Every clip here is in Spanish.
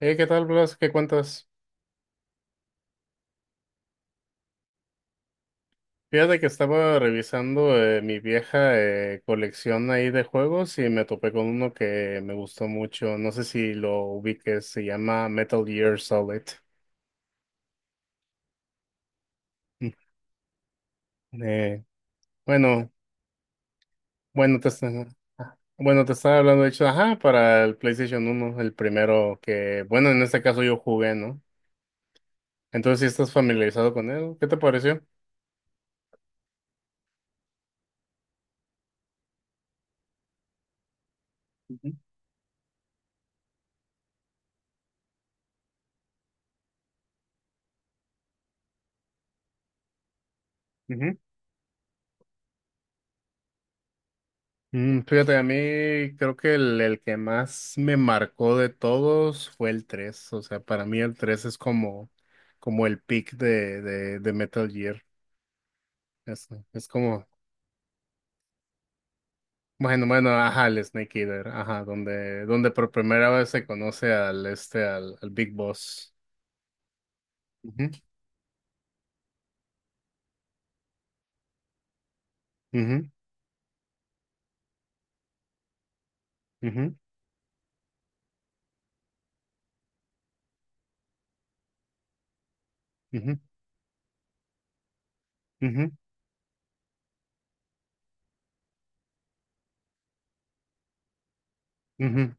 ¿Qué tal, Blas? ¿Qué cuentas? Fíjate que estaba revisando mi vieja colección ahí de juegos y me topé con uno que me gustó mucho. No sé si lo ubiques, se llama Metal Gear Solid. Mm. Eh, bueno, bueno, te está- bueno, te estaba hablando, de hecho, ajá, para el PlayStation uno, el primero que, bueno, en este caso yo jugué, ¿no? Entonces, si estás familiarizado con él, ¿qué te pareció? Ujú. Mm, fíjate, a mí creo que el que más me marcó de todos fue el tres. O sea, para mí el 3 es como, como el pick de, de Metal Gear. Es, es como, bueno, bueno, Ajá, el Snake Eater, ajá, donde por primera vez se conoce al Big Boss. Ujú, ujú, ujú, ujú, ujú, ujú.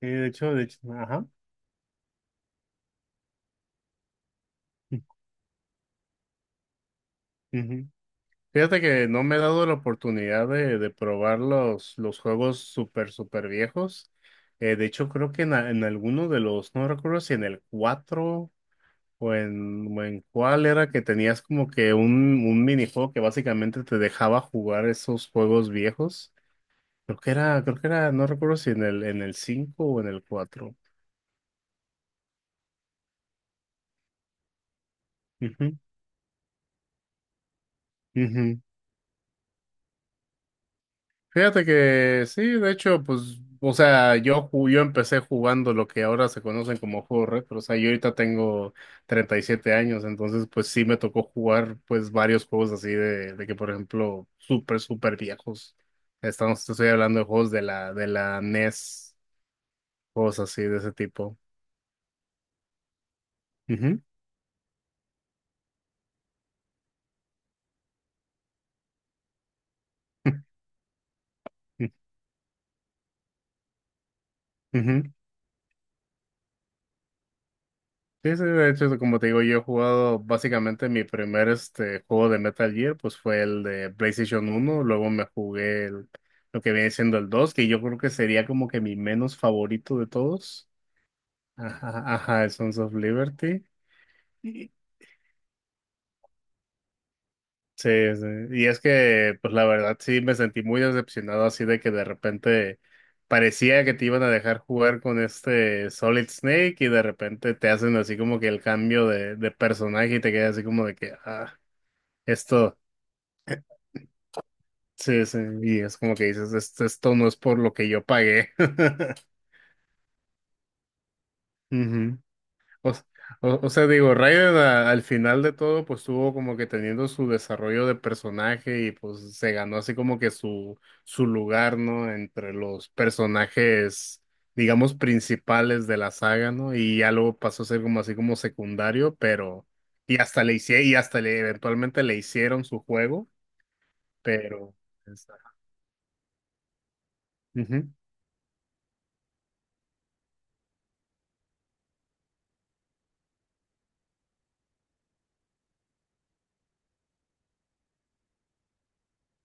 Y de hecho, ajá. Ujú. Fíjate que no me he dado la oportunidad de probar los juegos súper, súper viejos. De hecho, creo que en, en alguno de los, no recuerdo si en el 4 o en cuál era que tenías como que un minijuego que básicamente te dejaba jugar esos juegos viejos. No recuerdo si en el, en el 5 o en el cuatro. Ujú, ujú. Fíjate que sí, de hecho, pues, o sea, yo empecé jugando lo que ahora se conocen como juegos retro, o sea, yo ahorita tengo 37 años, entonces, pues sí me tocó jugar, pues, varios juegos así de que, por ejemplo, súper, súper viejos. Estamos, te estoy hablando de juegos de la NES, juegos así de ese tipo. Ujú, ujú. Sí, sí, de hecho, como te digo, yo he jugado básicamente mi primer juego de Metal Gear, pues fue el de PlayStation uno. Luego me jugué lo que viene siendo el dos, que yo creo que sería como que mi menos favorito de todos. Ajá, ajá, el Sons of Liberty. Y- Sí, sí, y es que, pues la verdad sí me sentí muy decepcionado así de que de repente parecía que te iban a dejar jugar con este Solid Snake y de repente te hacen así como que el cambio de personaje y te quedas así como de que, ah. Esto, sí, sí, y es como que dices, esto no es por lo que yo pagué. Ujú. O, s- o sea, digo, Raiden al final de todo, pues tuvo como que teniendo su desarrollo de personaje y pues se ganó así como que su lugar, ¿no? Entre los personajes, digamos, principales de la saga, ¿no? Y ya luego pasó a ser como así como secundario, pero, y hasta le hice, y hasta le, eventualmente le hicieron su juego, pero... Exacto. Ujú.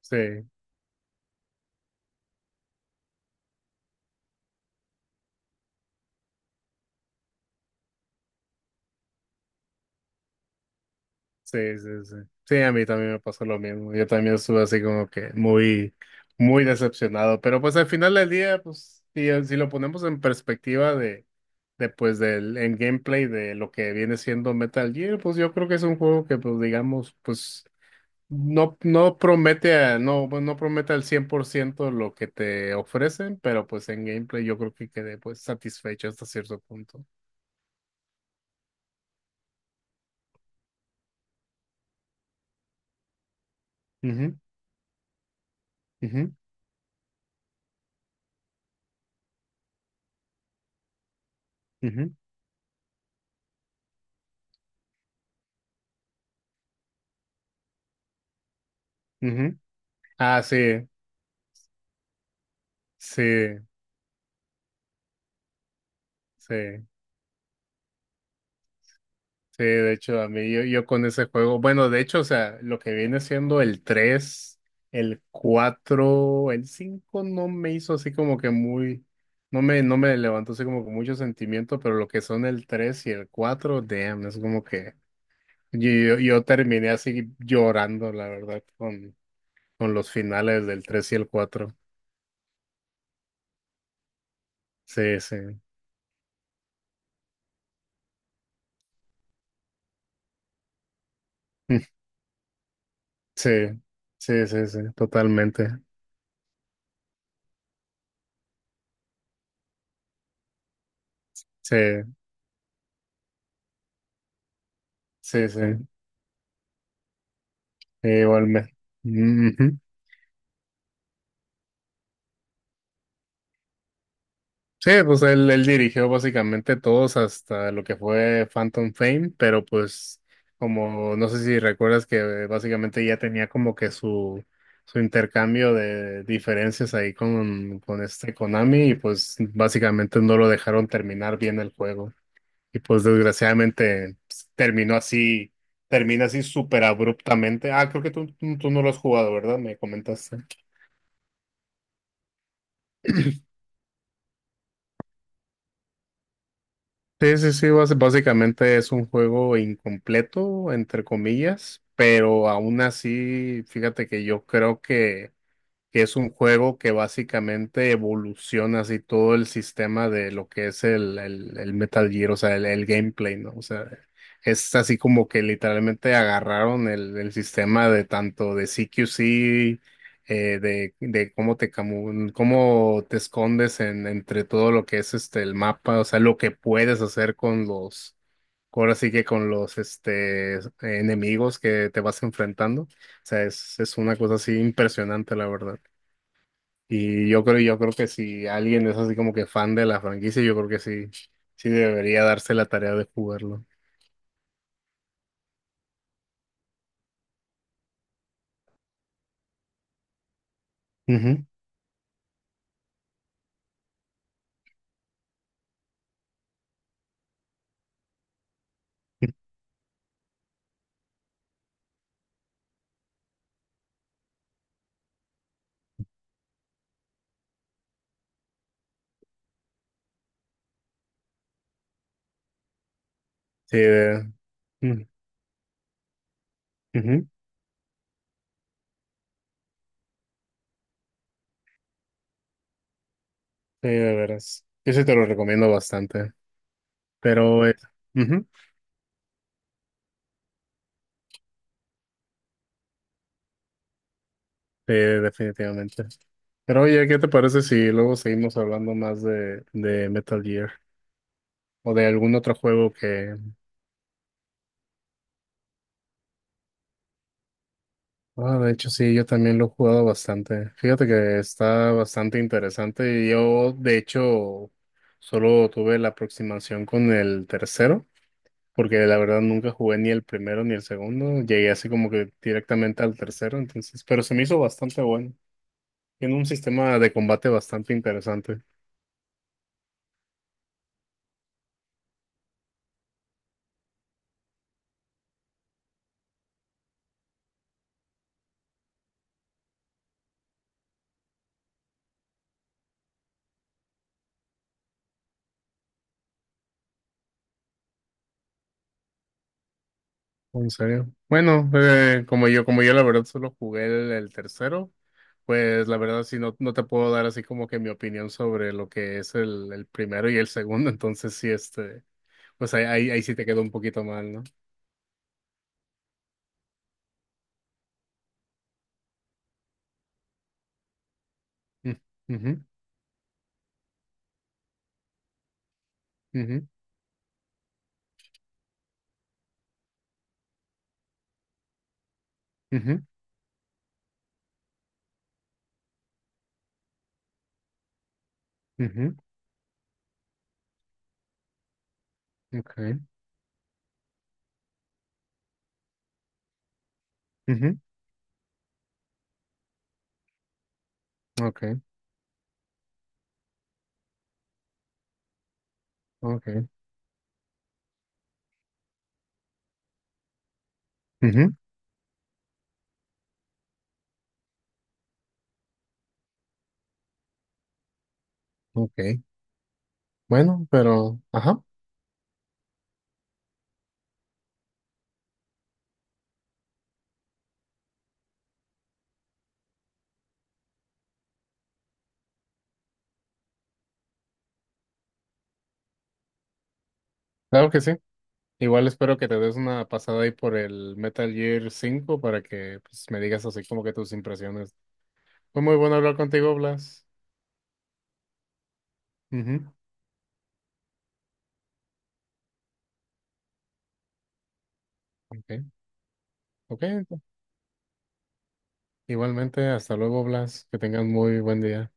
Sí. Sí, sí, sí. Sí, a mí también me pasó lo mismo. Yo también estuve así como que muy, muy decepcionado. Pero pues al final del día, pues, si, si lo ponemos en perspectiva de, en gameplay de lo que viene siendo Metal Gear, pues yo creo que es un juego que, pues, digamos, pues, no, no promete a, no, bueno, no promete al 100% lo que te ofrecen, pero pues en gameplay yo creo que quedé pues satisfecho hasta cierto punto. Ujú, ujú, ujú, ujú. Ah, sí, sí. Sí, sí, de hecho, a mí yo, yo con ese juego, bueno, de hecho, o sea, lo que viene siendo el 3, el 4, el 5 no me hizo así como que muy, no me levantó así como que mucho sentimiento, pero lo que son el 3 y el cuatro damn, es como que yo terminé así llorando, la verdad, con los finales del tres y el cuatro. Sí, sí, sí, sí, sí, sí, totalmente. Sí, sí, sí, igualmente. Sí, pues él dirigió básicamente todos hasta lo que fue Phantom Fame, pero pues como no sé si recuerdas que básicamente ya tenía como que su intercambio de diferencias ahí con, con Konami y pues básicamente no lo dejaron terminar bien el juego. Y pues desgraciadamente pues, termina así súper abruptamente. Ah, creo que tú, tú no lo has jugado, ¿verdad? Me comentaste. Sí, sí, sí, básicamente es un juego incompleto, entre comillas, pero aún así, fíjate que yo creo que es un juego que básicamente evoluciona así todo el sistema de lo que es el, el Metal Gear, o sea, el gameplay, ¿no? O sea, es así como que literalmente agarraron el sistema de tanto de CQC, de cómo te cómo te escondes en, entre todo lo que es el mapa, o sea, lo que puedes hacer con los ahora sí que con los, enemigos que te vas enfrentando. O sea, es una cosa así impresionante, la verdad. Y yo creo que si alguien es así como que fan de la franquicia, yo creo que sí, sí debería darse la tarea de jugarlo. Ujú. Sí, mm, ujú. Sí, de veras. Yo sí te lo recomiendo bastante. Pero es, Ujú. Sí, definitivamente. Pero oye, ¿qué te parece si luego seguimos hablando más de Metal Gear? O de algún otro juego que, ah, de hecho, sí, yo también lo he jugado bastante. Fíjate que está bastante interesante. Yo, de hecho, solo tuve la aproximación con el tercero, porque la verdad nunca jugué ni el primero ni el segundo. Llegué así como que directamente al tercero, entonces, pero se me hizo bastante bueno. Tiene un sistema de combate bastante interesante. ¿En serio? Bueno, como yo la verdad solo jugué el tercero, pues la verdad sí no te puedo dar así como que mi opinión sobre lo que es el primero y el segundo, entonces sí, este, pues ahí sí te quedó un poquito mal, ¿no? Mm, ujú, ujú, ujú, ujú, okay, ujú, okay, okay, ujú, okay. Bueno, pero, ajá, claro que sí. Igual espero que te des una pasada ahí por el Metal Gear 5 para que pues, me digas así como que tus impresiones. Fue muy bueno hablar contigo, Blas. Ujú. Ok, ok. Igualmente, hasta luego, Blas. Que tengan muy buen día.